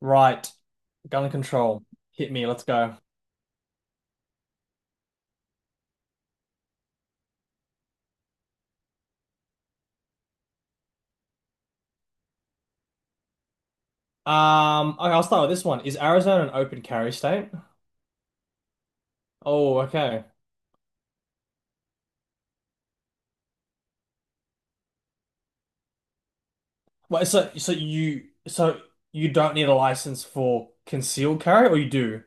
Right. Gun control. Hit me. Let's go. Okay, I'll start with this one. Is Arizona an open carry state? Oh, okay. So you don't need a license for concealed carry, or you do?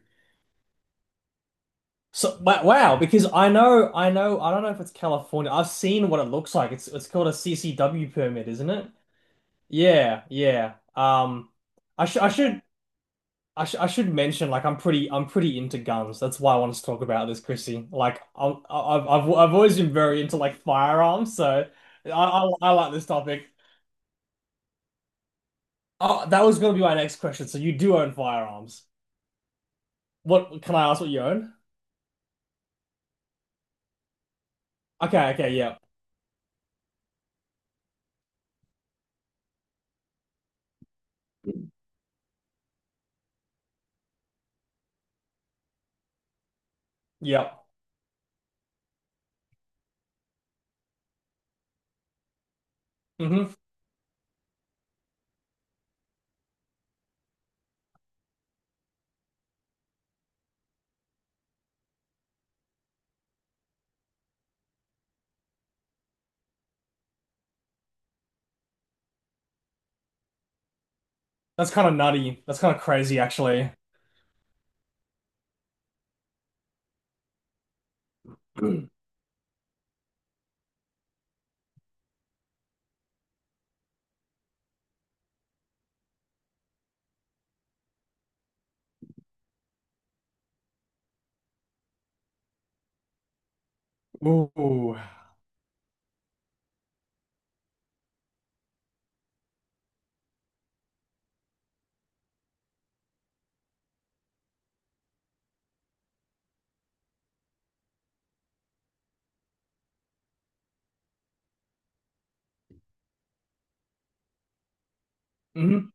Wow, because I know I don't know if it's California. I've seen what it looks like. It's called a CCW permit, isn't it? Yeah, yeah. I should I should I should mention like I'm pretty into guns. That's why I want to talk about this, Chrissy. Like I'm, I- I've always been very into like firearms, so I like this topic. Oh, that was gonna be my next question. So you do own firearms. What, can I ask what you own? Okay, okay, yeah, yeah. hmm That's kind of nutty. That's kind of crazy, actually. Ooh. hmm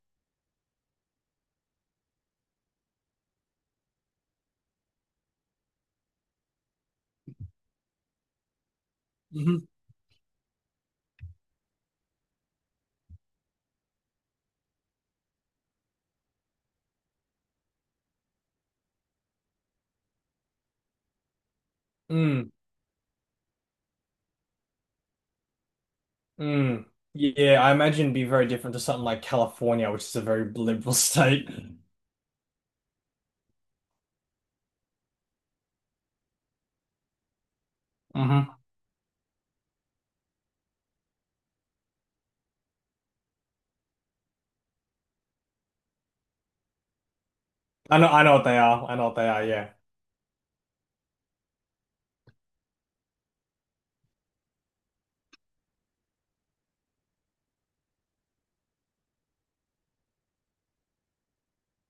hmm Mm. Mm. Yeah, I imagine it'd be very different to something like California, which is a very liberal state. hmm I know what they are. I know what they are. Yeah.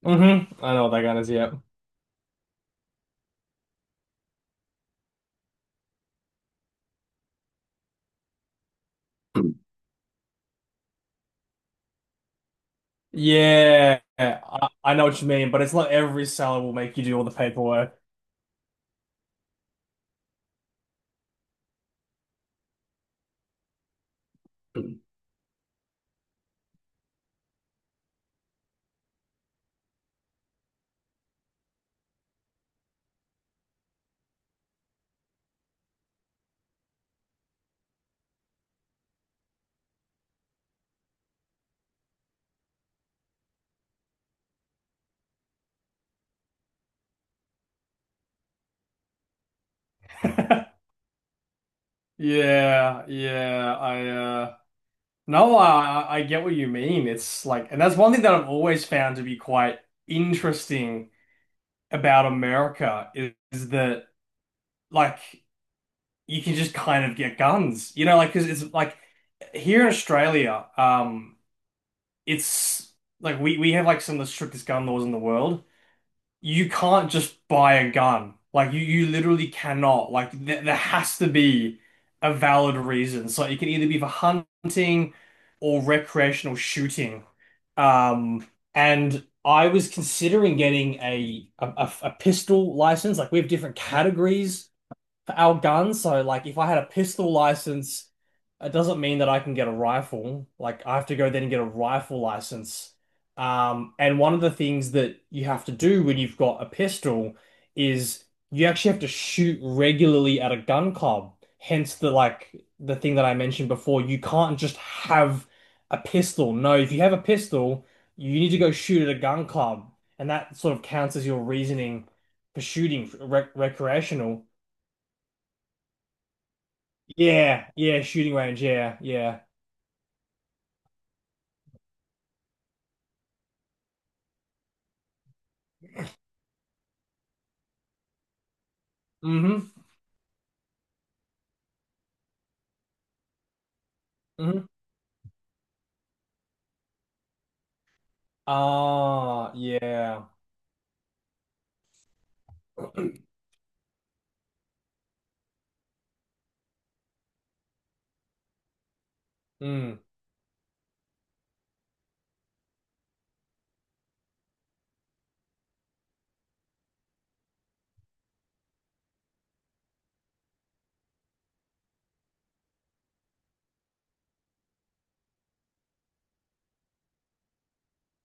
I know what that gun is. Yep. Yeah. I know what you mean, but it's not every seller will make you do all the paperwork. Yeah, yeah, I, no, I get what you mean. It's like, and that's one thing that I've always found to be quite interesting about America, is that like you can just kind of get guns, you know, like because it's like here in Australia, it's like we have like some of the strictest gun laws in the world. You can't just buy a gun. Like you literally cannot. Like th there has to be a valid reason. So it can either be for hunting or recreational shooting. Um, and I was considering getting a pistol license. Like we have different categories for our gun. So like if I had a pistol license, it doesn't mean that I can get a rifle. Like I have to go then and get a rifle license. And one of the things that you have to do when you've got a pistol is you actually have to shoot regularly at a gun club. Hence the like the thing that I mentioned before. You can't just have a pistol. No, if you have a pistol, you need to go shoot at a gun club. And that sort of counts as your reasoning for shooting recreational. Yeah, yeah, shooting range, yeah, yeah. Mm-hmm. Mm-hmm. Ah, yeah. Mm.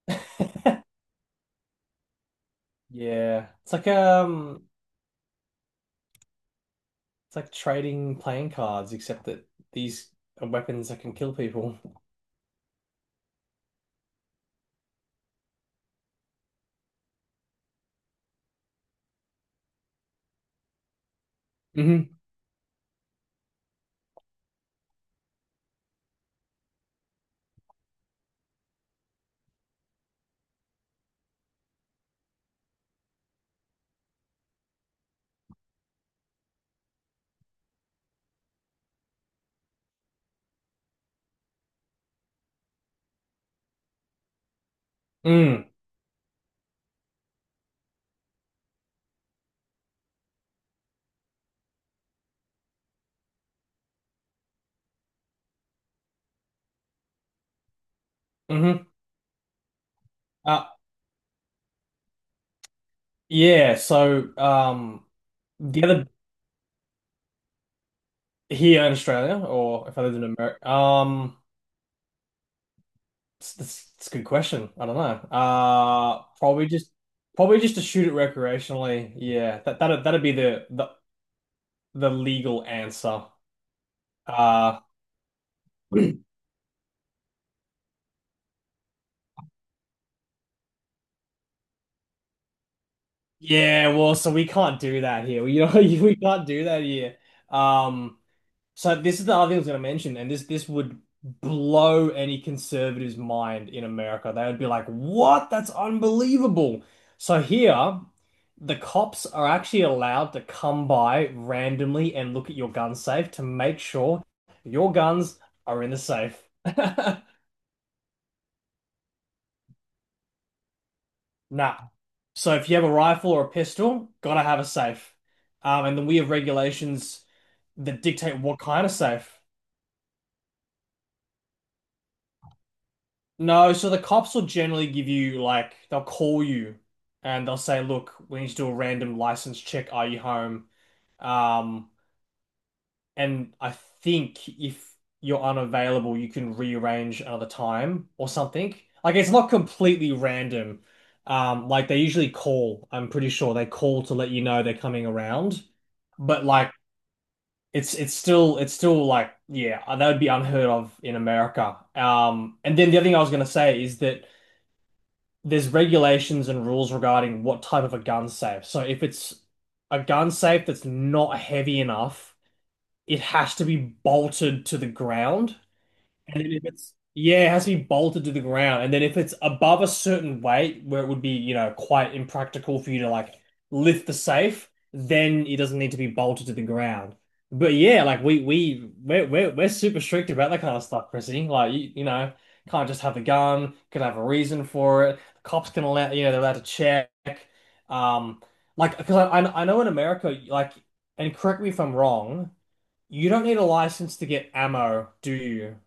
Yeah. It's like it's like trading playing cards, except that these are weapons that can kill people. Mm-hmm. Mm. hmm mm hmm Uh yeah, so the other here in Australia, or if I lived in America. That's a good question. I don't know. Probably just probably just to shoot it recreationally. Yeah, that'd be the legal answer. Uh, yeah. Well, so we can't do that here. You know, we can't do that here. Um. So this is the other thing I was going to mention, and this would blow any conservative's mind in America. They would be like, "What? That's unbelievable." So here, the cops are actually allowed to come by randomly and look at your gun safe to make sure your guns are in the safe. Nah. So if you have a rifle or a pistol, gotta have a safe. And then we have regulations that dictate what kind of safe. No, so the cops will generally give you like they'll call you and they'll say, "Look, we need to do a random license check. Are you home?" Um, and I think if you're unavailable, you can rearrange another time or something. Like it's not completely random. Like they usually call. I'm pretty sure they call to let you know they're coming around. But like it's still like yeah, that would be unheard of in America. And then the other thing I was gonna say is that there's regulations and rules regarding what type of a gun safe. So if it's a gun safe that's not heavy enough, it has to be bolted to the ground and then if it's it has to be bolted to the ground. And then if it's above a certain weight where it would be, you know, quite impractical for you to like lift the safe, then it doesn't need to be bolted to the ground. But yeah, like we're super strict about that kind of stuff, Chrissy. Like you know, can't just have a gun, could have a reason for it. Cops can allow, you know, they're allowed to check. Um, like because I know in America, like, and correct me if I'm wrong, you don't need a license to get ammo, do you?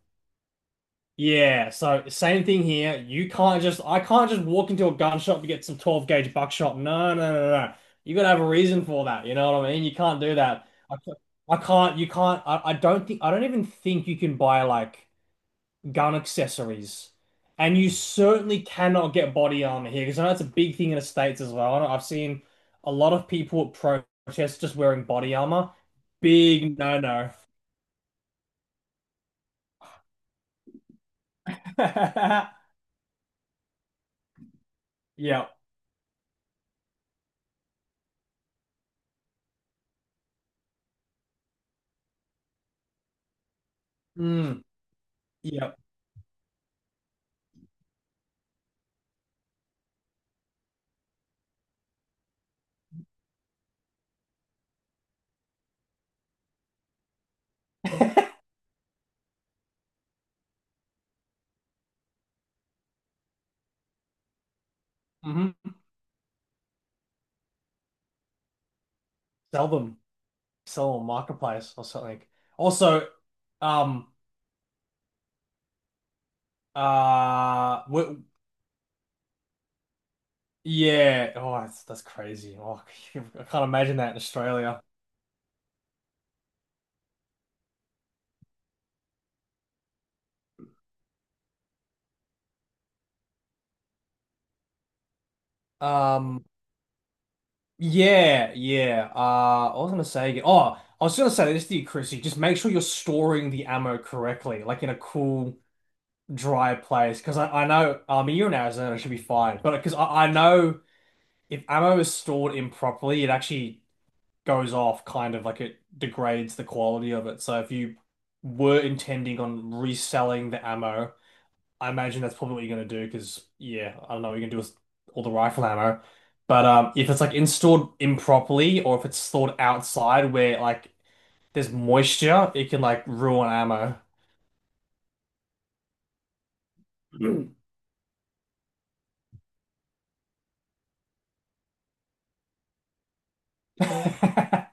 Yeah, so same thing here. You can't just I can't just walk into a gun shop and get some 12 gauge buckshot. No, no, no, no. You gotta have a reason for that. You know what I mean? You can't do that. I can't. You can't. I don't think. I don't even think you can buy like gun accessories, and you certainly cannot get body armor here because I know it's a big thing in the States as well. I know I've seen a lot of people at protests just wearing body armor. Big no no. Yeah. Mm. Yeah. hmm Sell them, sell on marketplace or something. Also, um, w yeah, oh, that's crazy. Oh, I can't imagine that in Australia. Um, yeah, yeah. I was gonna say again. Oh, I was gonna say this to you, Chrissy. Just make sure you're storing the ammo correctly, like in a cool, dry place. Because I know, you're in Arizona, it should be fine. But because I know if ammo is stored improperly, it actually goes off, kind of like it degrades the quality of it. So if you were intending on reselling the ammo, I imagine that's probably what you're gonna do because yeah, I don't know what you're gonna do with all the rifle ammo. But if it's like installed improperly or if it's stored outside where like there's moisture, it can like ruin ammo.